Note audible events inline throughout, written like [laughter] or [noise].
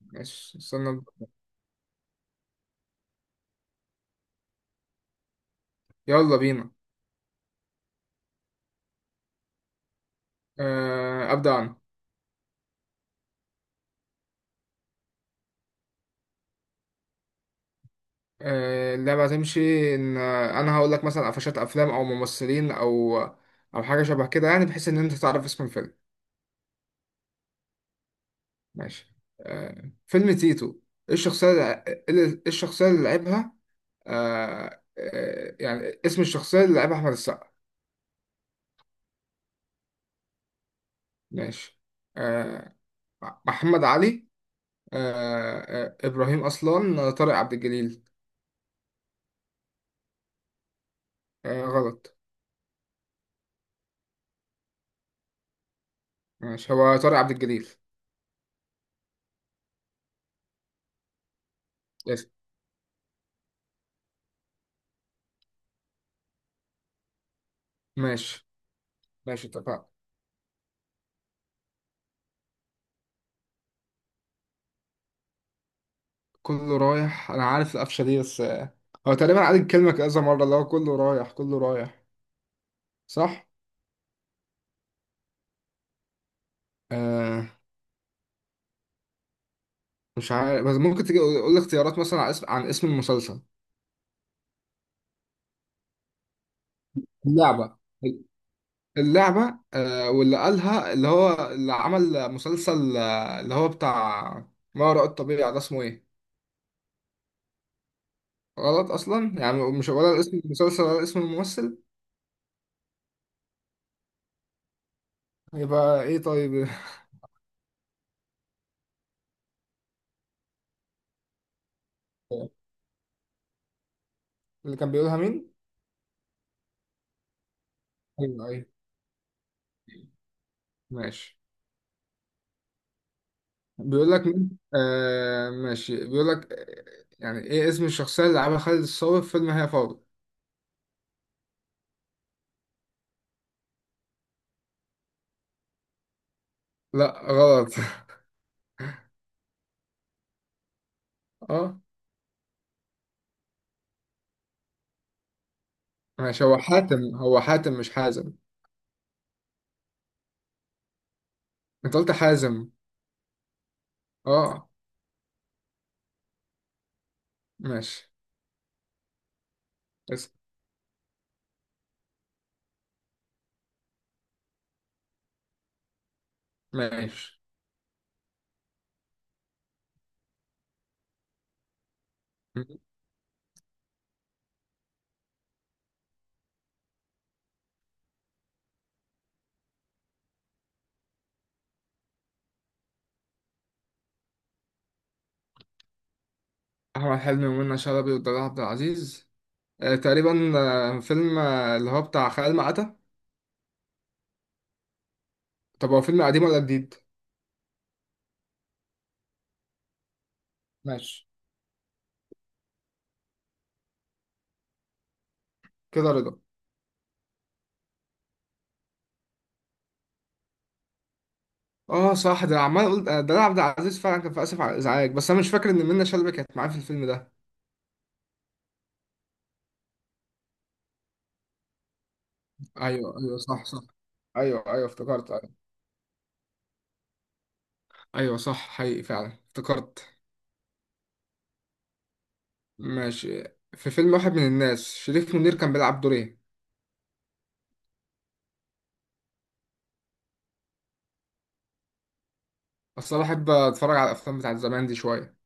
ماشي، استنى. يلا بينا. أبدأ أنا. اللعبة هتمشي إن أنا هقول لك مثلا قفشات أفلام، أو ممثلين، أو حاجة شبه كده يعني، بحيث إن أنت تعرف اسم الفيلم. ماشي. فيلم تيتو. إيه الشخصية؟ اللي إيه الشخصية اللي لعبها؟ يعني اسم الشخصية اللي لعبها أحمد السقا؟ ماشي. آه، محمد علي. آه، إبراهيم أصلان، طارق عبد الجليل. غلط. ماشي، هو طارق عبد الجليل. يس. ماشي. ماشي، اتفقنا. كله رايح، انا عارف القفشه دي بس. هو تقريبا عاد الكلمه كذا مره، اللي هو كله رايح كله رايح. صح. آه. مش عارف، بس ممكن تجي قول لي اختيارات، مثلا عن اسم المسلسل. اللعبه. اللعبه، واللي قالها اللي هو اللي عمل مسلسل، اللي هو بتاع ما وراء الطبيعه، ده اسمه ايه؟ غلط اصلا يعني، مش ولا اسم المسلسل ولا اسم الممثل. يبقى ايه طيب؟ [laughs] اللي كان بيقولها مين؟ ايوه، ايوه. ماشي. بيقول لك مين؟ آه، ماشي. بيقول لك يعني، ايه اسم الشخصية اللي لعبها خالد الصاوي في فيلم هي فوضى؟ لا، غلط. [laughs] اه. ماشي، هو حاتم هو حاتم مش حازم. انت قلت حازم. اه. ماشي. اسم. ماشي. احمد حلمي ومنى شلبي ودلال عبد العزيز. تقريبا فيلم، اللي هو بتاع خيال مآتة. طب هو فيلم قديم ولا جديد؟ ماشي. كده رضا. اه، صح، ده عمال اقول دلال عبد العزيز فعلا كان في اسف على الازعاج، بس انا مش فاكر ان منى شلبي كانت معاه في الفيلم ده. ايوه، ايوه، صح، صح. ايوه، ايوه، افتكرت، ايوه. ايوه، صح، حقيقي فعلا افتكرت. ماشي. في فيلم واحد من الناس، شريف منير كان بيلعب دور ايه؟ اصل انا بحب اتفرج على الافلام بتاعت زمان دي شويه.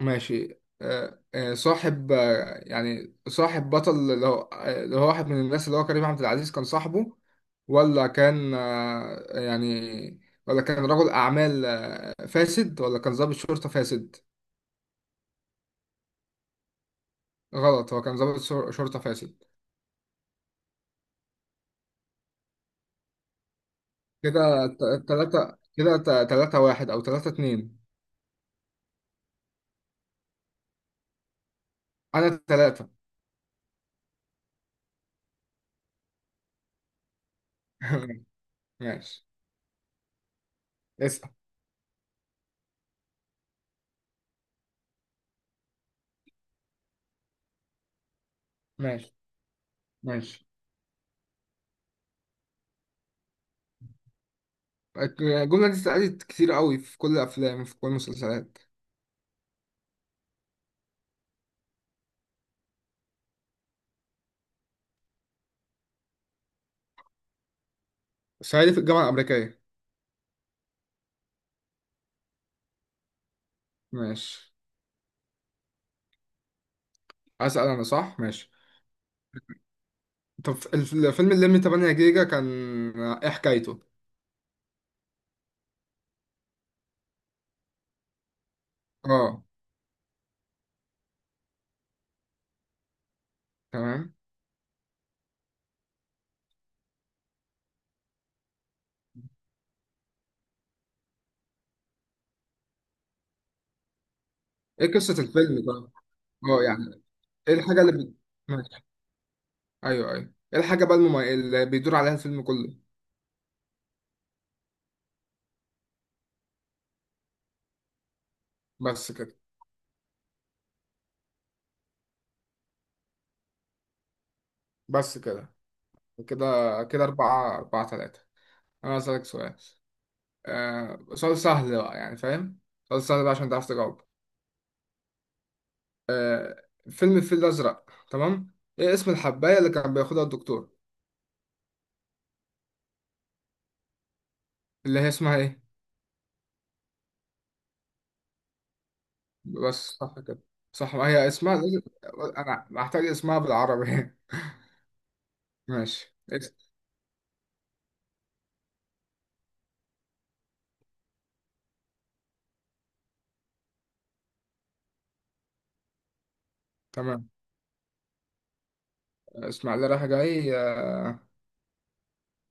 ماشي. صاحب، يعني صاحب بطل اللي هو، اللي هو واحد من الناس، اللي هو كريم عبد العزيز كان صاحبه. ولا كان، يعني، ولا كان رجل اعمال فاسد، ولا كان ضابط شرطه فاسد؟ غلط، هو كان ضابط شرطه فاسد. كده تلاتة واحد، أو تلاتة اتنين. أنا تلاتة. [laughs] ماشي، اسأل. ماشي، ماشي. الجملة دي اتسألت كتير قوي في كل الأفلام وفي كل المسلسلات. صعيدي في الجامعة الأمريكية. ماشي، أسأل أنا صح؟ ماشي. طب الفيلم اللي من 8 جيجا كان، إيه حكايته؟ اه. تمام. إيه قصة الفيلم ده؟ اه، يعني، إيه الحاجة اللي ماشي. أيوه، أيوه، إيه الحاجة بقى اللي بيدور عليها الفيلم كله؟ بس كده؟ بس كده؟ كده. كده أربعة أربعة تلاتة. أنا هسألك سؤال. سؤال سهل بقى يعني، فاهم؟ سؤال سهل بقى عشان تعرف تجاوب. فيلم الفيل الأزرق. تمام. إيه اسم الحباية اللي كان بياخدها الدكتور؟ اللي هي اسمها إيه؟ بس صح كده؟ صح، ما هي اسمها لازم. أنا محتاج اسمها بالعربي. [laughs] ماشي، تمام. اسماعيلية رايح جاي،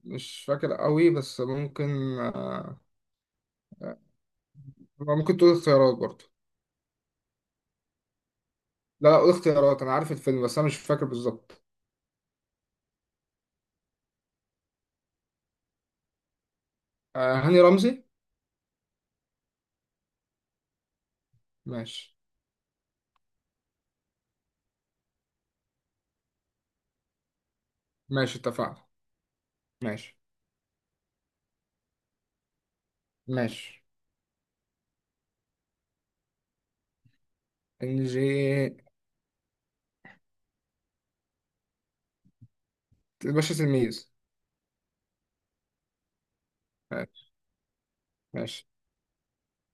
مش فاكر قوي، بس ممكن، آه، ممكن تقول اختيارات برضه. لا، لا، قول اختيارات. أنا عارف الفيلم بس أنا مش فاكر بالظبط. هاني رمزي. ماشي. ماشي، اتفقنا. ماشي. ماشي. الجي. الباشا تلميذ. ماشي. ماشي.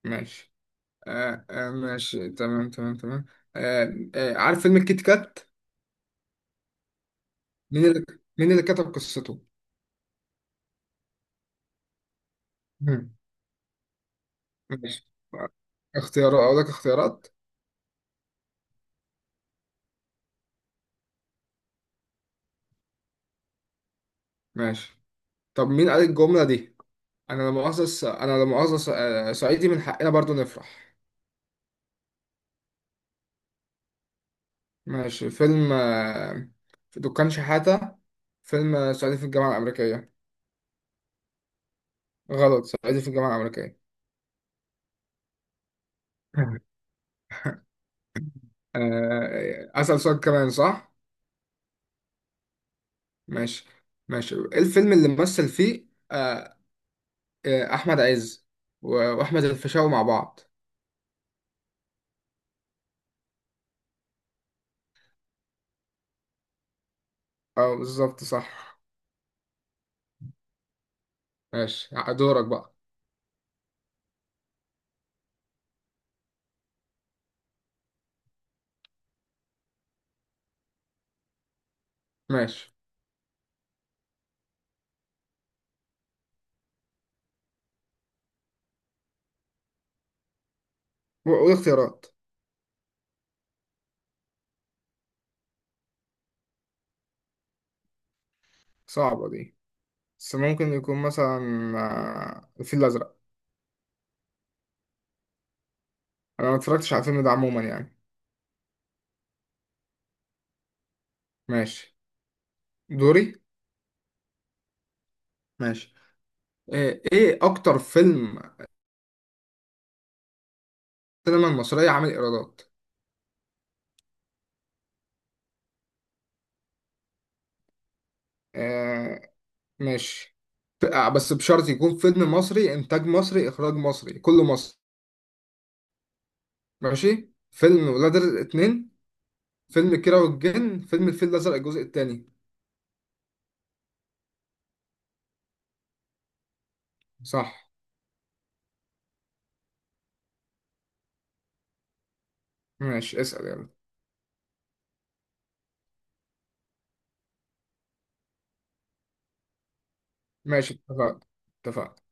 ماشي. ماشي، تمام، تمام، تمام. عارف فيلم الكيت كات؟ مين اللي مين اللي كتب قصته؟ مم. ماشي. اختيارات، اقول لك اختيارات. ماشي. طب مين قال الجملة دي، انا لما مؤاخذة، انا لما مؤاخذة، صعيدي من حقنا برضو نفرح؟ ماشي. فيلم، في دكان شحاتة. فيلم صعيدي في الجامعة الأمريكية. غلط، صعيدي في الجامعة الأمريكية. [laughs] أسأل سؤال كمان، صح؟ ماشي. ماشي، إيه الفيلم اللي مثل فيه أحمد عز وأحمد الفيشاوي مع بعض؟ أه، بالظبط، صح. ماشي. دورك بقى. ماشي. وإيه اختيارات؟ صعبة دي. بس ممكن يكون مثلا الفيل الأزرق. أنا ما اتفرجتش على الفيلم ده عموما يعني. ماشي. دوري. ماشي. إيه أكتر فيلم السينما المصرية عامل إيرادات؟ آه، ماشي. بس بشرط يكون فيلم مصري، انتاج مصري، اخراج مصري، كله مصري. ماشي. فيلم ولاد رزق اتنين، فيلم كيرة والجن، فيلم الفيل الازرق الجزء التاني. صح. ماشي، اسأل يلا. ماشي، اتفقنا. اتفقنا.